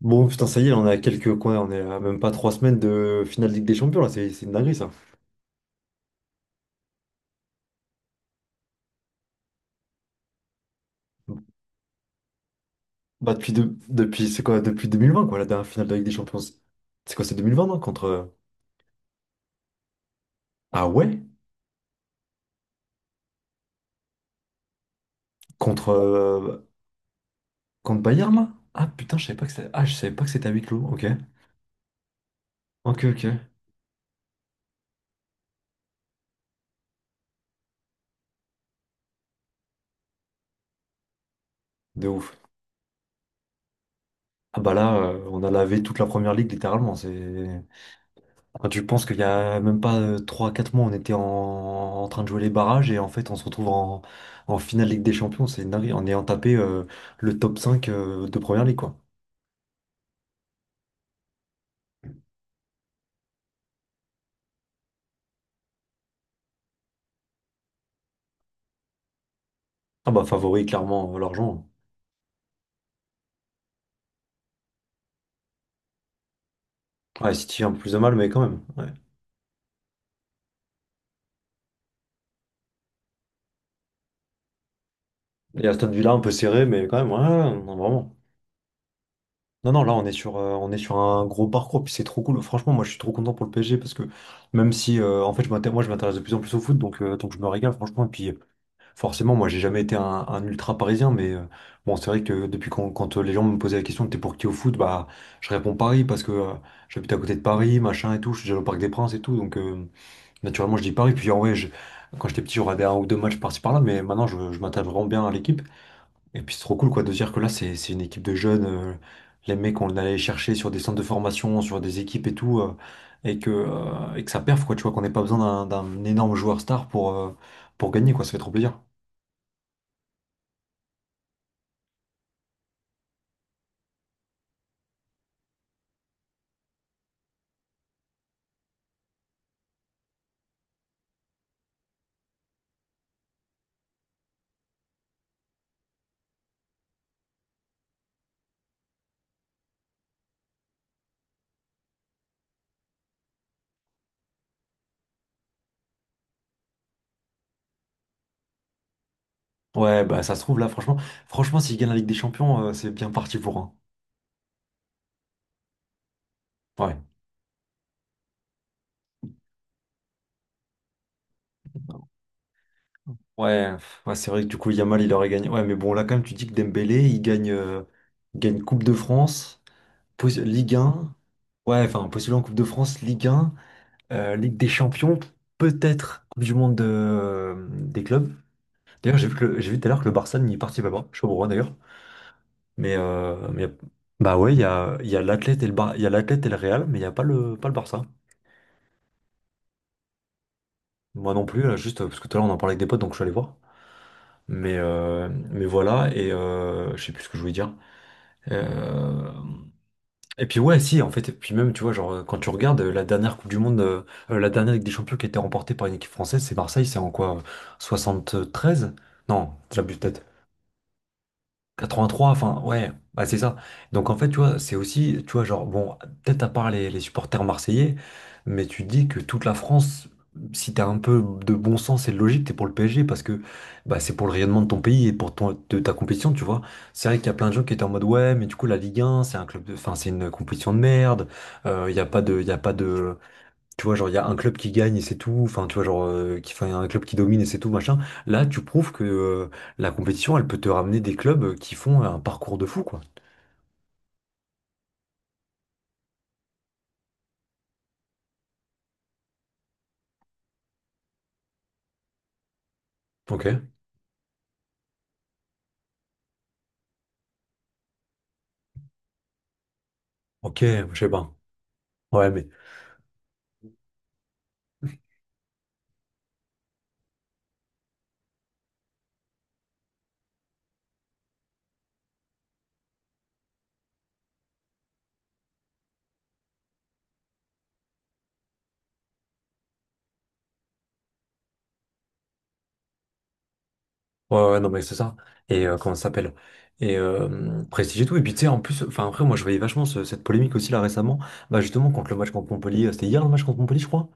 Bon, putain, ça y est, on est à quelques coins, on est à même pas 3 semaines de finale de Ligue des Champions, là, c'est une dinguerie, ça. Bah, depuis, depuis, c'est quoi, depuis 2020 quoi, la dernière finale de Ligue des Champions. C'est quoi, c'est 2020, non, contre... Ah ouais? Contre, contre Bayern, là? Ah putain, je savais pas que c'était... Ah, je savais pas que c'était à huis clos, ok. Ok, ok. De ouf. Ah bah là, on a lavé toute la première ligue, littéralement, c'est... Quand tu penses qu'il y a même pas trois quatre mois, on était en train de jouer les barrages et en fait on se retrouve en finale Ligue des Champions, c'est une dinguerie, en ayant tapé le top 5 de Première Ligue quoi. Ah bah favori clairement l'argent. Ouais, City un peu plus de mal mais quand même. Ouais. Et Aston Villa un peu serré mais quand même, ouais, ouais, non, vraiment. Non, non, là on est sur un gros parcours, puis c'est trop cool. Franchement, moi je suis trop content pour le PSG parce que même si en fait moi je m'intéresse de plus en plus au foot, donc je me régale franchement. Et puis forcément, moi, j'ai jamais été un ultra parisien, mais bon, c'est vrai que depuis quand, quand les gens me posaient la question, t'es pour qui au foot, bah, je réponds Paris parce que j'habite à côté de Paris, machin et tout, je suis déjà au Parc des Princes et tout, naturellement, je dis Paris. Puis en vrai, quand j'étais petit, j'aurais un ou deux matchs par-ci par-là, mais maintenant, je m'attache vraiment bien à l'équipe. Et puis c'est trop cool, quoi, de dire que là, c'est une équipe de jeunes, les mecs, on allait chercher sur des centres de formation, sur des équipes et tout, et que ça perf, quoi, tu vois, qu'on n'ait pas besoin d'un énorme joueur star pour gagner, quoi, ça fait trop plaisir. Ouais, bah ça se trouve là, franchement, s'il gagne la Ligue des Champions, c'est bien parti pour un. Ouais, ouais, pff, ouais, c'est vrai que du coup, Yamal, il aurait gagné. Ouais, mais bon, là, quand même, tu dis que Dembélé, il gagne Coupe de France, Ligue 1, ouais, enfin, postulant en Coupe de France, Ligue 1, Ligue des Champions, peut-être Coupe du Monde des clubs. D'ailleurs, j'ai vu que j'ai vu tout à l'heure que le Barça n'y participe pas, je sais pas pourquoi d'ailleurs, mais bah ouais, il y a l'Athlète et il y a l'Athlète et le Real, mais il n'y a pas pas le Barça. Moi non plus, là, juste parce que tout à l'heure on en parlait avec des potes, donc je suis allé voir. Mais voilà, et je sais plus ce que je voulais dire. Euh, et puis ouais, si, en fait, et puis même, tu vois, genre, quand tu regardes la dernière Coupe du Monde, la dernière Ligue des Champions qui a été remportée par une équipe française, c'est Marseille, c'est en quoi? Treize. Non, j'abuse peut-être. 83, enfin, ouais, bah, c'est ça. Donc, en fait, tu vois, c'est aussi, tu vois, genre, bon, peut-être à part les supporters marseillais, mais tu te dis que toute la France, si t'as un peu de bon sens et de logique, t'es pour le PSG parce que bah, c'est pour le rayonnement de ton pays et pour ton, de ta compétition, tu vois. C'est vrai qu'il y a plein de gens qui étaient en mode, ouais, mais du coup, la Ligue 1, c'est un club de, enfin, c'est une compétition de merde, il n'y a pas de, il a pas de, tu vois, genre, il y a un club qui gagne et c'est tout. Enfin, tu vois, genre, qui, enfin, y a un club qui domine et c'est tout, machin. Là, tu prouves que la compétition, elle peut te ramener des clubs qui font un parcours de fou, quoi. Ok, ok, je sais pas. Ouais, mais. Ouais, ouais, non, mais c'est ça. Et comment ça s'appelle? Et prestige et tout. Et puis, tu sais, en plus, enfin, après, moi, je voyais vachement cette polémique aussi, là, récemment. Bah, justement, contre le match contre Montpellier. C'était hier le match contre Montpellier, je crois.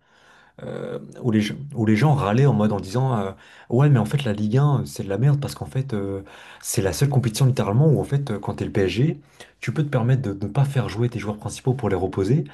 Où où les gens râlaient en mode en disant ouais, mais en fait la Ligue 1 c'est de la merde, parce qu'en fait c'est la seule compétition littéralement où en fait quand t'es le PSG tu peux te permettre de ne pas faire jouer tes joueurs principaux pour les reposer,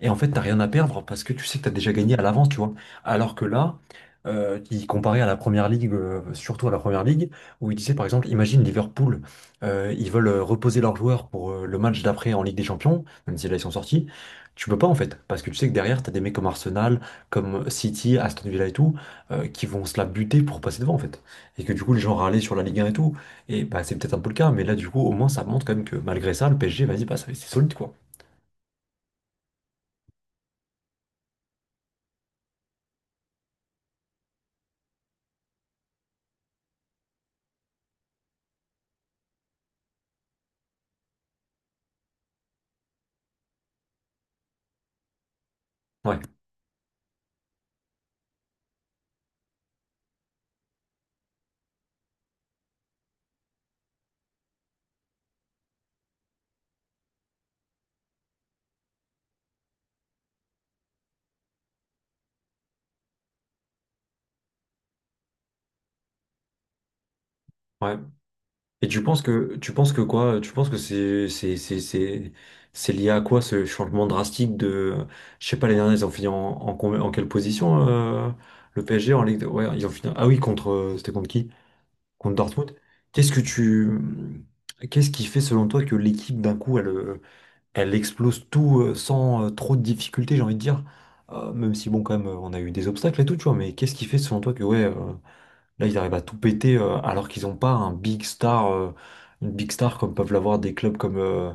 et en fait t'as rien à perdre parce que tu sais que t'as déjà gagné à l'avance, tu vois. Alors que là qui comparait à la première ligue, surtout à la première ligue, où il disait par exemple, imagine Liverpool, ils veulent reposer leurs joueurs pour le match d'après en Ligue des Champions même si là ils sont sortis, tu peux pas, en fait, parce que tu sais que derrière, t'as des mecs comme Arsenal, comme City, Aston Villa et tout, qui vont se la buter pour passer devant, en fait. Et que du coup les gens râlaient sur la Ligue 1 et tout, et bah c'est peut-être un peu le cas, mais là du coup au moins ça montre quand même que malgré ça, le PSG, vas-y, bah, c'est solide, quoi. Ouais, ouais. Et tu penses que quoi? Tu penses que c'est lié à quoi ce changement drastique de, je sais pas, les derniers ils ont fini en quelle position, le PSG en Ligue de... Ouais, ils ont fini, ah oui, contre c'était contre qui? Contre Dortmund. Qu'est-ce que tu qu'est-ce qui fait selon toi que l'équipe d'un coup elle, elle explose tout sans trop de difficultés, j'ai envie de dire. Même si, bon, quand même, on a eu des obstacles et tout, tu vois. Mais qu'est-ce qui fait, selon toi, que, ouais, là, ils arrivent à tout péter alors qu'ils n'ont pas un big star, une big star comme peuvent l'avoir des clubs comme.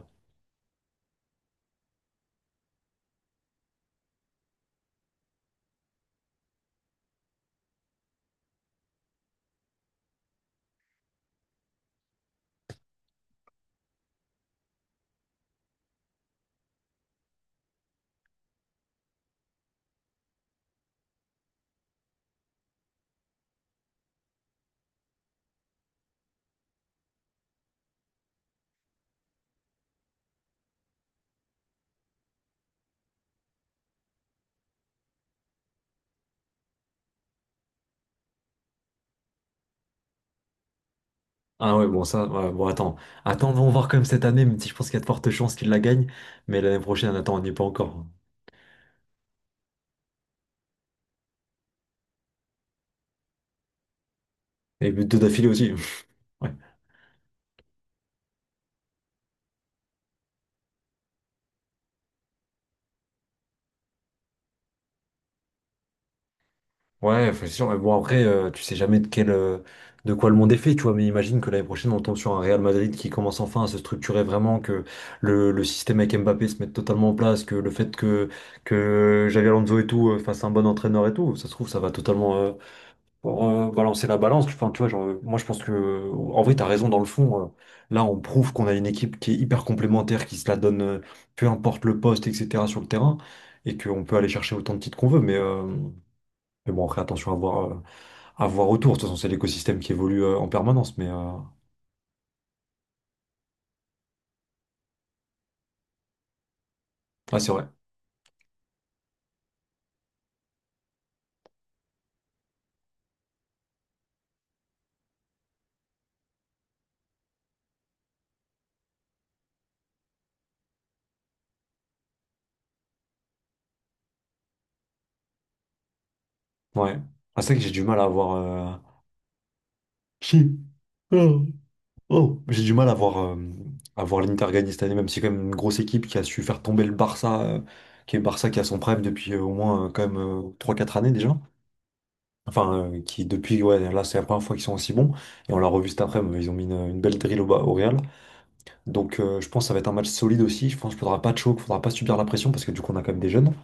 Ah ouais, bon, ça, ouais, bon, attends. Attends, on va voir quand même cette année, même si je pense qu'il y a de fortes chances qu'ils la gagnent. Mais l'année prochaine, attends, on n'y est pas encore. Et deux d'affilée aussi. Ouais, c'est sûr. Mais bon, après, tu sais jamais de de quoi le monde est fait, tu vois. Mais imagine que l'année prochaine, on tombe sur un Real Madrid qui commence enfin à se structurer vraiment, que le système avec Mbappé se mette totalement en place, que le fait que Xavi Alonso et tout fasse un bon entraîneur et tout, ça se trouve, ça va totalement pour, balancer la balance. Enfin, tu vois, genre, moi, je pense que, en vrai, t'as raison dans le fond. Là, on prouve qu'on a une équipe qui est hyper complémentaire, qui se la donne, peu importe le poste, etc., sur le terrain, et qu'on peut aller chercher autant de titres qu'on veut. Mais. Mais bon, après, attention à voir. À voir autour. De toute façon, c'est l'écosystème qui évolue en permanence, mais ouais, c'est vrai. Ouais. Ah, c'est vrai que j'ai du mal à voir. Chi. Oh. Oh. J'ai du mal à voir l'Inter gagner cette année, même si c'est quand même une grosse équipe qui a su faire tomber le Barça, qui est Barça qui a son prime depuis au moins quand même 3-4 années déjà. Enfin, qui depuis, ouais, là c'est la première fois qu'ils sont aussi bons. Et on l'a revu cet après-midi, ils ont mis une belle drill au Real. Donc je pense que ça va être un match solide aussi. Je pense qu'il faudra pas de choc, il faudra pas subir la pression parce que du coup on a quand même des jeunes.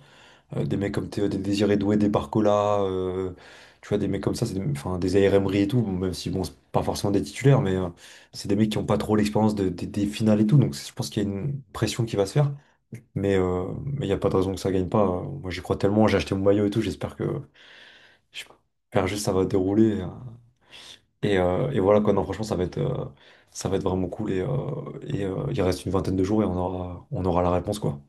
Des mecs comme Théo, des Désiré Doué, des Barcola, tu vois, des mecs comme ça, c'est des, enfin, des AR Emery et tout, bon, même si, bon, c'est pas forcément des titulaires, mais c'est des mecs qui ont pas trop l'expérience des finales et tout, donc je pense qu'il y a une pression qui va se faire, mais il n'y a pas de raison que ça gagne pas. Moi, j'y crois tellement, j'ai acheté mon maillot et tout, j'espère juste que ça va dérouler. Et voilà, quoi, non, franchement, ça va être vraiment cool, et il reste une vingtaine de jours et on aura, la réponse, quoi.